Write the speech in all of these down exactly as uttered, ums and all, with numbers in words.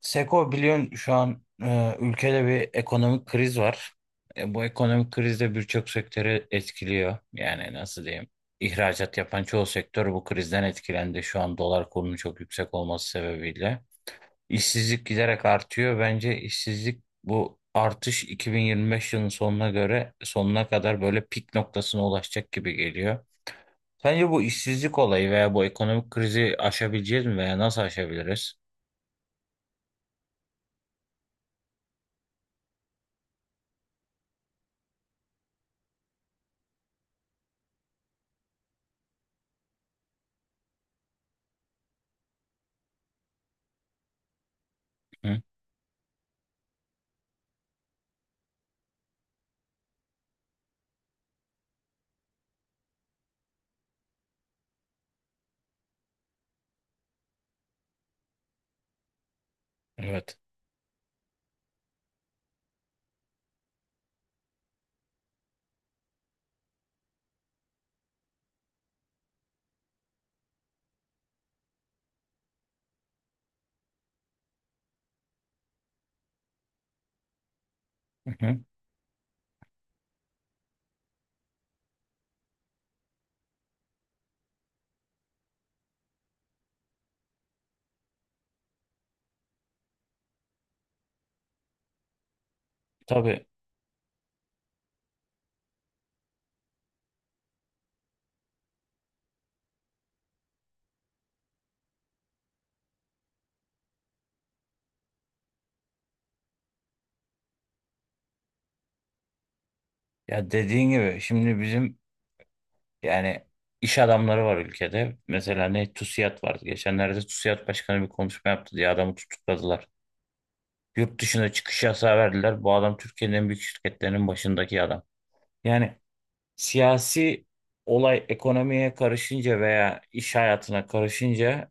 Seko biliyorsun şu an e, ülkede bir ekonomik kriz var. E, bu ekonomik kriz de birçok sektörü etkiliyor. Yani nasıl diyeyim? İhracat yapan çoğu sektör bu krizden etkilendi. Şu an dolar kurunun çok yüksek olması sebebiyle. İşsizlik giderek artıyor. Bence işsizlik bu artış iki bin yirmi beş yılının sonuna göre sonuna kadar böyle pik noktasına ulaşacak gibi geliyor. Sence bu işsizlik olayı veya bu ekonomik krizi aşabileceğiz mi veya nasıl aşabiliriz? Hı? Evet. Hı hı. Tabii. Ya dediğin gibi şimdi bizim, yani, iş adamları var ülkede. Mesela ne TUSİAD vardı. Geçenlerde TUSİAD başkanı bir konuşma yaptı diye adamı tutukladılar. Yurt dışına çıkış yasağı verdiler. Bu adam Türkiye'nin en büyük şirketlerinin başındaki adam. Yani siyasi olay ekonomiye karışınca veya iş hayatına karışınca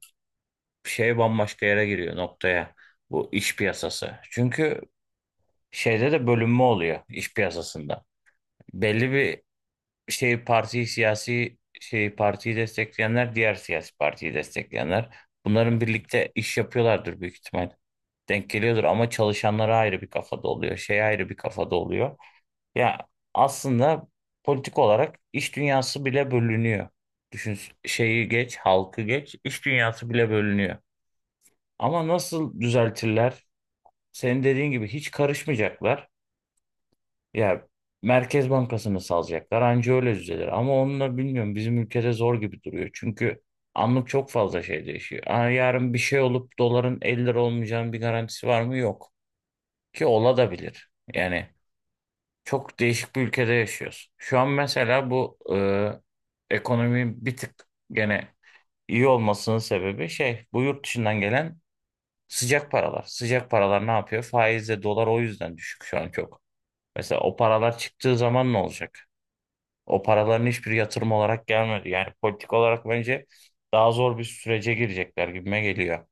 şey bambaşka yere giriyor noktaya. Bu iş piyasası. Çünkü şeyde de bölünme oluyor iş piyasasında. Belli bir şey parti siyasi şey partiyi destekleyenler diğer siyasi partiyi destekleyenler bunların birlikte iş yapıyorlardır büyük ihtimal. Denk geliyordur ama çalışanlara ayrı bir kafada oluyor. Şey ayrı bir kafada oluyor. Ya aslında politik olarak iş dünyası bile bölünüyor. Düşün şeyi geç, halkı geç, iş dünyası bile bölünüyor. Ama nasıl düzeltirler? Senin dediğin gibi hiç karışmayacaklar. Ya Merkez Bankası'nı salacaklar anca öyle düzelir. Ama onunla bilmiyorum bizim ülkede zor gibi duruyor. Çünkü anlık çok fazla şey değişiyor. Aa, yarın bir şey olup doların elli lira olmayacağının bir garantisi var mı? Yok. Ki ola da bilir. Yani çok değişik bir ülkede yaşıyoruz. Şu an mesela bu e, ekonominin bir tık gene iyi olmasının sebebi şey bu yurt dışından gelen sıcak paralar. Sıcak paralar ne yapıyor? Faizle dolar o yüzden düşük şu an çok. Mesela o paralar çıktığı zaman ne olacak? O paraların hiçbiri yatırım olarak gelmedi. Yani politik olarak bence daha zor bir sürece girecekler gibime geliyor.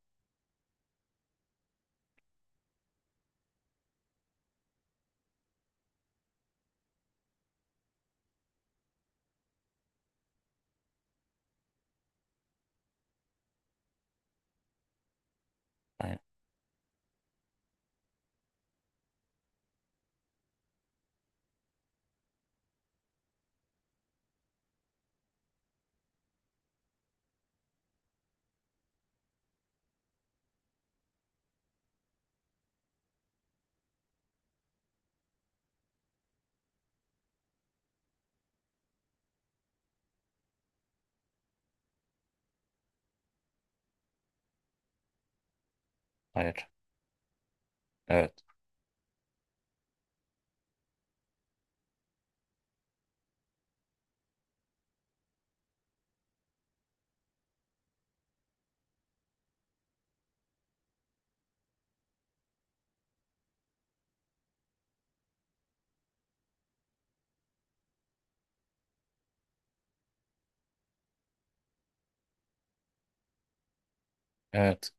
Hayır. Hayır. Evet. Evet.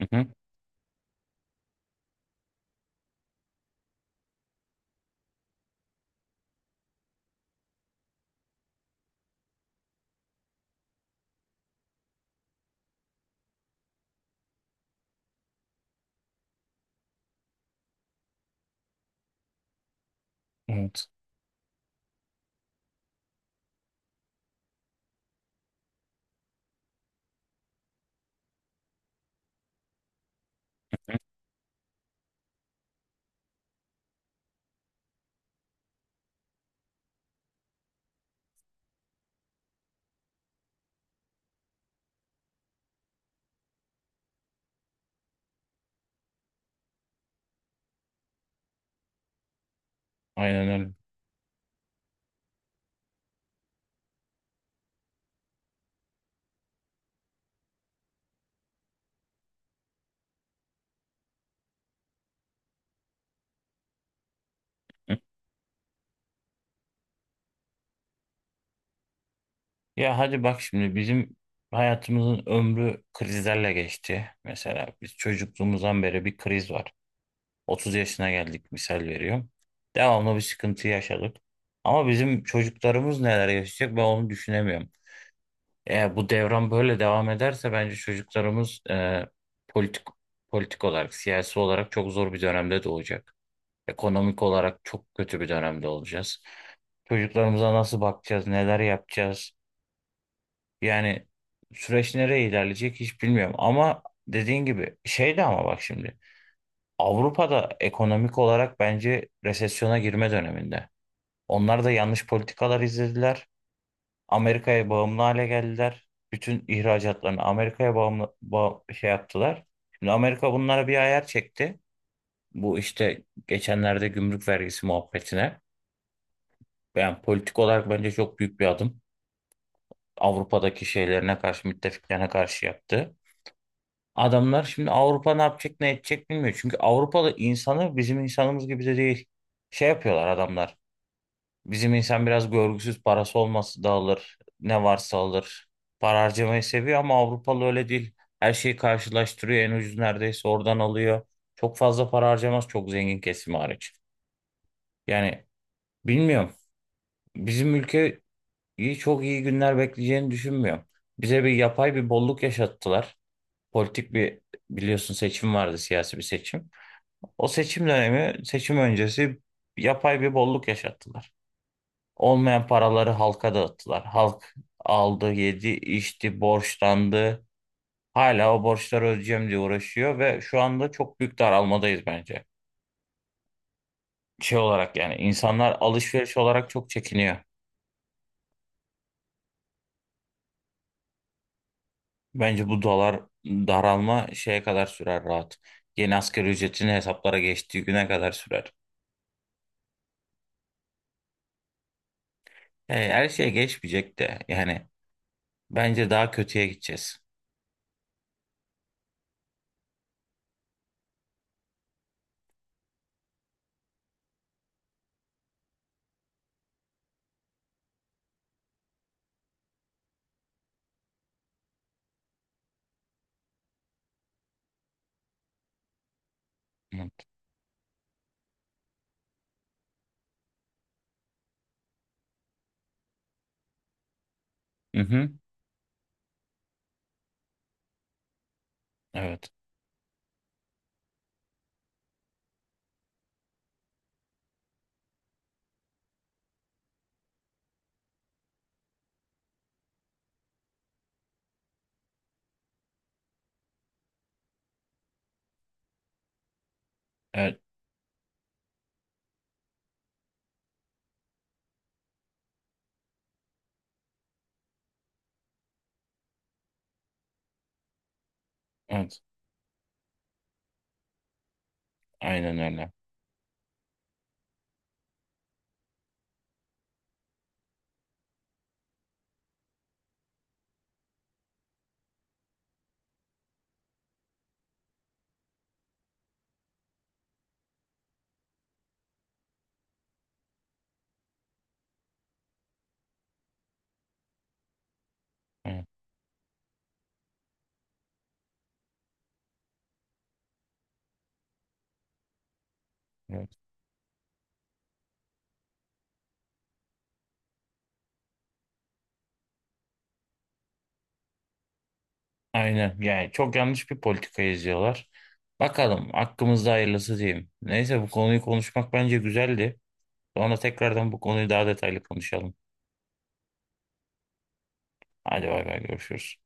Hı hı. Evet. Hı. Aynen öyle. Hı. Ya hadi bak şimdi bizim hayatımızın ömrü krizlerle geçti. Mesela biz çocukluğumuzdan beri bir kriz var. Otuz yaşına geldik misal veriyorum. Devamlı bir sıkıntı yaşadık. Ama bizim çocuklarımız neler yaşayacak ben onu düşünemiyorum. Eğer bu devran böyle devam ederse bence çocuklarımız e, politik politik olarak, siyasi olarak çok zor bir dönemde doğacak. Ekonomik olarak çok kötü bir dönemde olacağız. Çocuklarımıza nasıl bakacağız, neler yapacağız? Yani süreç nereye ilerleyecek hiç bilmiyorum. Ama dediğin gibi şey de ama bak şimdi Avrupa'da ekonomik olarak bence resesyona girme döneminde. Onlar da yanlış politikalar izlediler. Amerika'ya bağımlı hale geldiler. Bütün ihracatlarını Amerika'ya bağımlı bağ- şey yaptılar. Şimdi Amerika bunlara bir ayar çekti. Bu işte geçenlerde gümrük vergisi muhabbetine. Yani politik olarak bence çok büyük bir adım. Avrupa'daki şeylerine karşı, müttefiklerine karşı yaptı. Adamlar şimdi Avrupa ne yapacak, ne edecek bilmiyor. Çünkü Avrupalı insanı bizim insanımız gibi de değil. Şey yapıyorlar adamlar. Bizim insan biraz görgüsüz parası olması da alır. Ne varsa alır. Para harcamayı seviyor ama Avrupalı öyle değil. Her şeyi karşılaştırıyor. En ucuz neredeyse oradan alıyor. Çok fazla para harcamaz çok zengin kesimi hariç. Yani bilmiyorum. Bizim ülkeyi çok iyi günler bekleyeceğini düşünmüyorum. Bize bir yapay bir bolluk yaşattılar. Politik bir biliyorsun seçim vardı siyasi bir seçim. O seçim dönemi seçim öncesi yapay bir bolluk yaşattılar. Olmayan paraları halka dağıttılar. Halk aldı, yedi, içti, borçlandı. Hala o borçları ödeyeceğim diye uğraşıyor ve şu anda çok büyük daralmadayız bence. Şey olarak yani insanlar alışveriş olarak çok çekiniyor. Bence bu dolar daralma şeye kadar sürer rahat. Yeni asgari ücretin hesaplara geçtiği güne kadar sürer. Yani her şey geçmeyecek de yani bence daha kötüye gideceğiz. Evet. Mhm. Evet. Evet. Evet. Aynen öyle. Evet. Evet. Aynen yani çok yanlış bir politika izliyorlar. Bakalım hakkımızda hayırlısı diyeyim. Neyse bu konuyu konuşmak bence güzeldi. Sonra tekrardan bu konuyu daha detaylı konuşalım. Hadi bay bay görüşürüz.